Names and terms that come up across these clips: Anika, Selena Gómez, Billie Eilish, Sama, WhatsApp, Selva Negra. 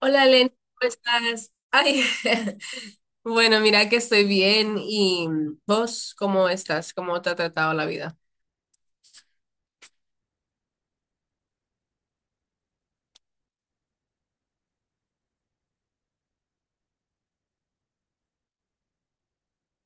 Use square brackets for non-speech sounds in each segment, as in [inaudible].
Hola, Len, ¿cómo estás? Ay, [laughs] bueno, mira que estoy bien y vos, ¿cómo estás? ¿Cómo te ha tratado la vida?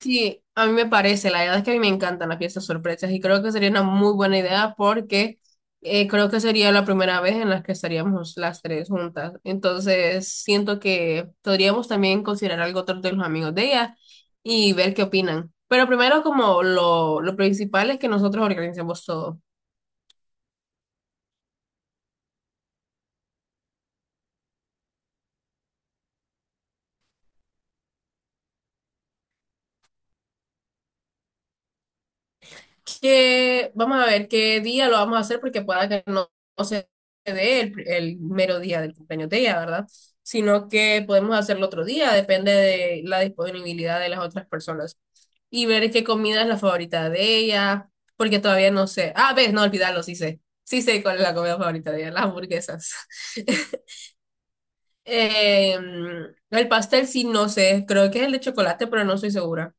Sí, a mí me parece, la verdad es que a mí me encantan las fiestas sorpresas y creo que sería una muy buena idea porque creo que sería la primera vez en la que estaríamos las tres juntas. Entonces, siento que podríamos también considerar algo otro de los amigos de ella y ver qué opinan. Pero primero, como lo principal es que nosotros organicemos todo. Que vamos a ver qué día lo vamos a hacer porque pueda que no se dé el mero día del cumpleaños de ella, ¿verdad? Sino que podemos hacerlo otro día, depende de la disponibilidad de las otras personas. Y ver qué comida es la favorita de ella, porque todavía no sé. Ah, ves, no olvidarlo, sí sé. Sí sé cuál es la comida favorita de ella, las hamburguesas. [laughs] El pastel sí, no sé, creo que es el de chocolate, pero no estoy segura.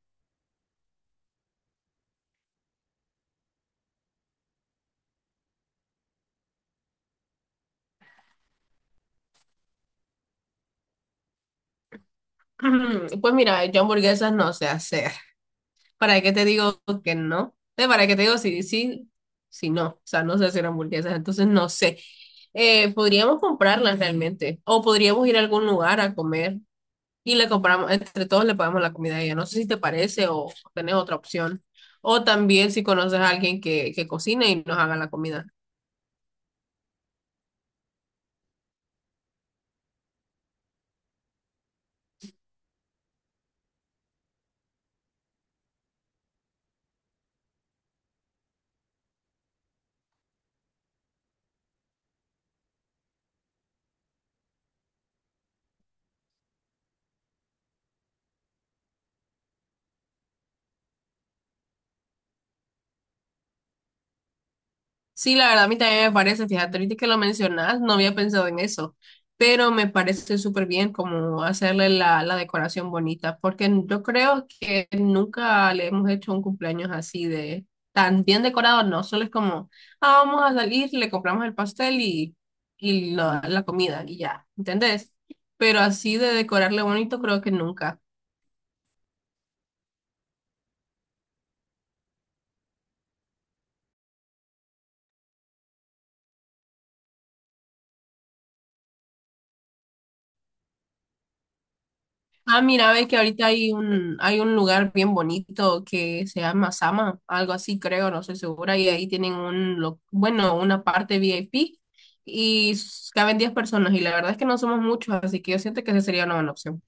[clears throat] Pues mira, yo hamburguesas no sé hacer. ¿Para qué te digo que no? ¿Para qué te digo si sí, si no? O sea, no sé hacer hamburguesas, entonces no sé. Podríamos comprarlas realmente, o podríamos ir a algún lugar a comer y le compramos, entre todos le pagamos la comida a ella. No sé si te parece o tenés otra opción. O también si conoces a alguien que cocine y nos haga la comida. Sí, la verdad, a mí también me parece, fíjate, ahorita que lo mencionas, no había pensado en eso, pero me parece súper bien como hacerle la decoración bonita, porque yo creo que nunca le hemos hecho un cumpleaños así de tan bien decorado, no, solo es como, ah, vamos a salir, le compramos el pastel y la comida y ya, ¿entendés? Pero así de decorarle bonito, creo que nunca. Ah, mira, ve que ahorita hay un lugar bien bonito que se llama Sama, algo así creo, no estoy segura, y ahí tienen un, lo- bueno, una parte VIP y s- caben 10 personas y la verdad es que no somos muchos, así que yo siento que esa sería una buena opción.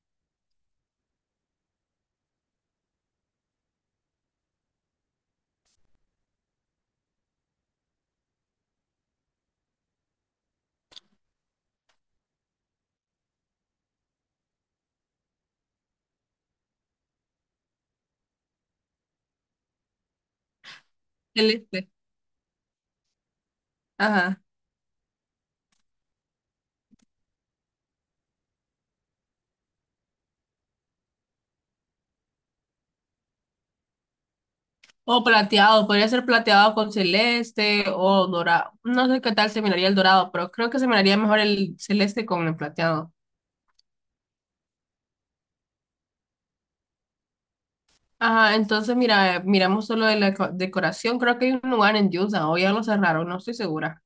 Celeste, ajá. O plateado, podría ser plateado con celeste o dorado. No sé qué tal se miraría el dorado, pero creo que se miraría mejor el celeste con el plateado. Ajá, entonces mira, miramos solo de la co- decoración. Creo que hay un lugar en Utah, o ya lo cerraron, no estoy segura.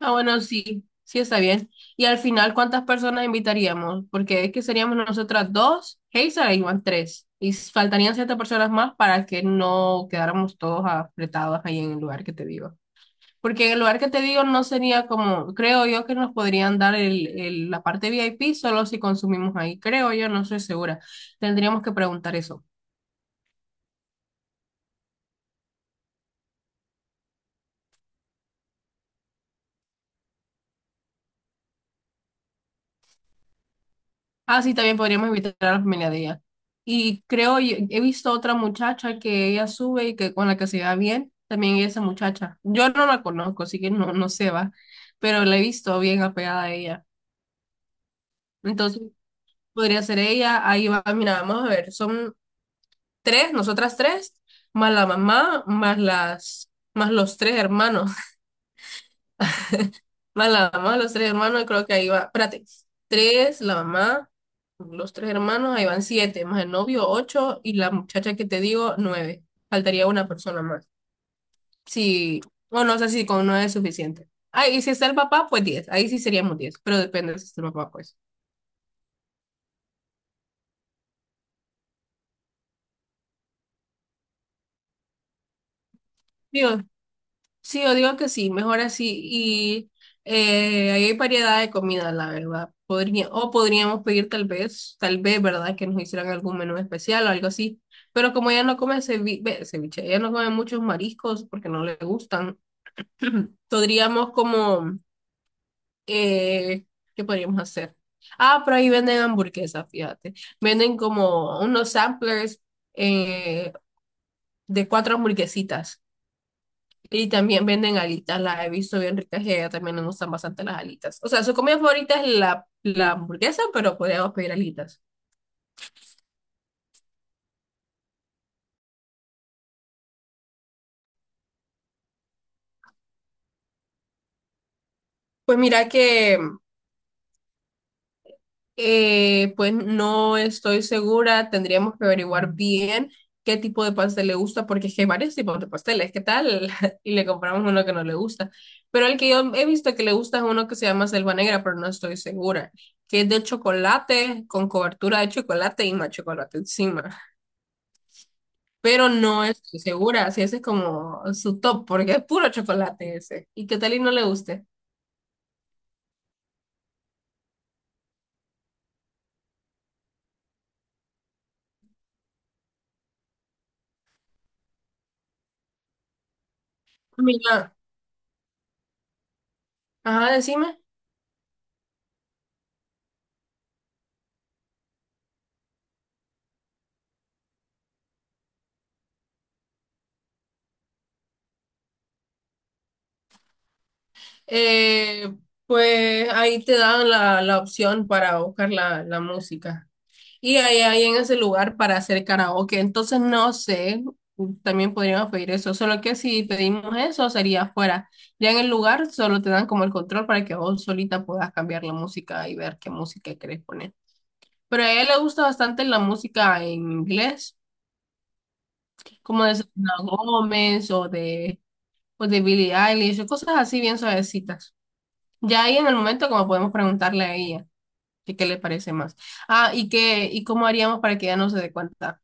Ah, bueno, sí, sí está bien. Y al final, ¿cuántas personas invitaríamos? Porque es que seríamos nosotras dos, Hazel y Iván tres. Y s- faltarían siete personas más para que no quedáramos todos apretados ahí en el lugar que te digo. Porque en el lugar que te digo no sería como, creo yo que nos podrían dar el- la parte VIP solo si consumimos ahí. Creo yo, no estoy segura. Tendríamos que preguntar eso. Ah, sí, también podríamos invitar a la familia de ella. Y creo, y- he visto otra muchacha que ella sube y que con la que se va bien, también esa muchacha. Yo no la conozco, así que no, no se va, pero la he visto bien apegada a ella. Entonces, podría ser ella, ahí va, mira, vamos a ver, son tres, nosotras tres, más la mamá, más las, más los tres hermanos. Van la mamá, los tres hermanos, y creo que ahí va, espérate, tres, la mamá, los tres hermanos, ahí van siete, más el novio, ocho, y la muchacha que te digo, nueve. Faltaría una persona más. Sí, bueno, no sé si con nueve es suficiente. Ah, y si está el papá, pues diez. Ahí sí seríamos diez, pero depende si está el papá, pues. Digo, sí, yo digo que sí, mejor así. Y ahí hay variedad de comida, la verdad. Podría, o podríamos pedir tal vez, ¿verdad? Que nos hicieran algún menú especial o algo así. Pero como ella no come cevi- ve, ceviche, ella no come muchos mariscos porque no le gustan, [clears throat] podríamos como, eh, ¿qué podríamos hacer? Ah, pero ahí venden hamburguesas, fíjate. Venden como unos samplers eh, de cuatro hamburguesitas. Y también venden alitas, las he visto bien ricas y allá también nos gustan bastante las alitas. O sea, su comida favorita es la hamburguesa, pero podríamos pedir alitas. Pues mira que, pues no estoy segura, tendríamos que averiguar bien qué tipo de pastel le gusta, porque es que hay varios tipos de pasteles, ¿qué tal? [laughs] Y le compramos uno que no le gusta. Pero el que yo he visto que le gusta es uno que se llama Selva Negra, pero no estoy segura, que es de chocolate, con cobertura de chocolate y más chocolate encima. Pero no estoy segura si ese es como su top, porque es puro chocolate ese. ¿Y qué tal y no le guste? Mira, ajá, decime. Eh, pues ahí te dan la opción para buscar la música. Y ahí hay en ese lugar para hacer karaoke. Entonces no sé, también podríamos pedir eso. Solo que si pedimos eso sería afuera. Ya en el lugar solo te dan como el control para que vos solita puedas cambiar la música y ver qué música querés poner. Pero a ella le gusta bastante la música en inglés, como de Selena Gómez o de Billie Eilish, o cosas así bien suavecitas. Ya ahí en el momento, como podemos preguntarle a ella que qué le parece más. Ah, y qué, y cómo haríamos para que ella no se dé cuenta.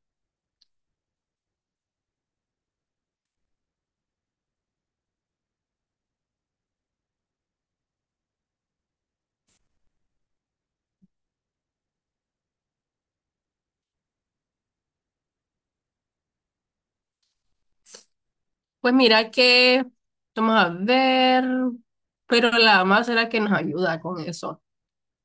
Pues mira que, vamos a ver, pero la mamá será que nos ayuda con eso.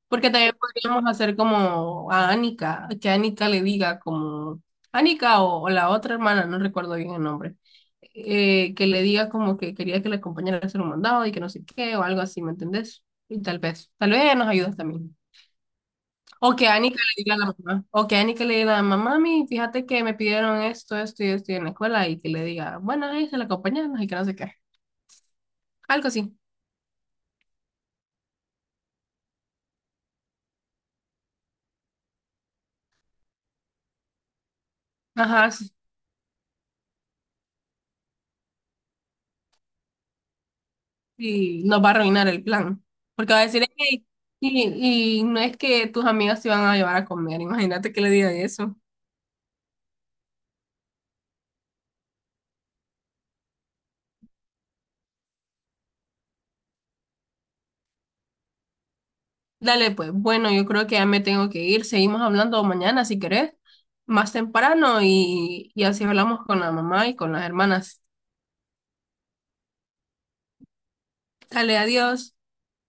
Porque también podríamos hacer como a Anika, que Anika le diga como, Anika o la otra hermana, no recuerdo bien el nombre, que le diga como que quería que la acompañara a hacer un mandado y que no sé qué o algo así, ¿me entendés? Y tal vez ella nos ayudas también. O que Anika le diga a la mamá, o que Anika le diga a la mamá, mami, fíjate que me pidieron esto, esto y esto en la escuela y que le diga, bueno, ahí se la acompañamos y que no sé qué. Algo así. Ajá, sí. Y nos va a arruinar el plan. Porque va a decir, "Ey, y no es que tus amigas se van a llevar a comer", imagínate que le diga eso. Dale, pues, bueno, yo creo que ya me tengo que ir. Seguimos hablando mañana, si querés, más temprano, y así hablamos con la mamá y con las hermanas. Dale, adiós.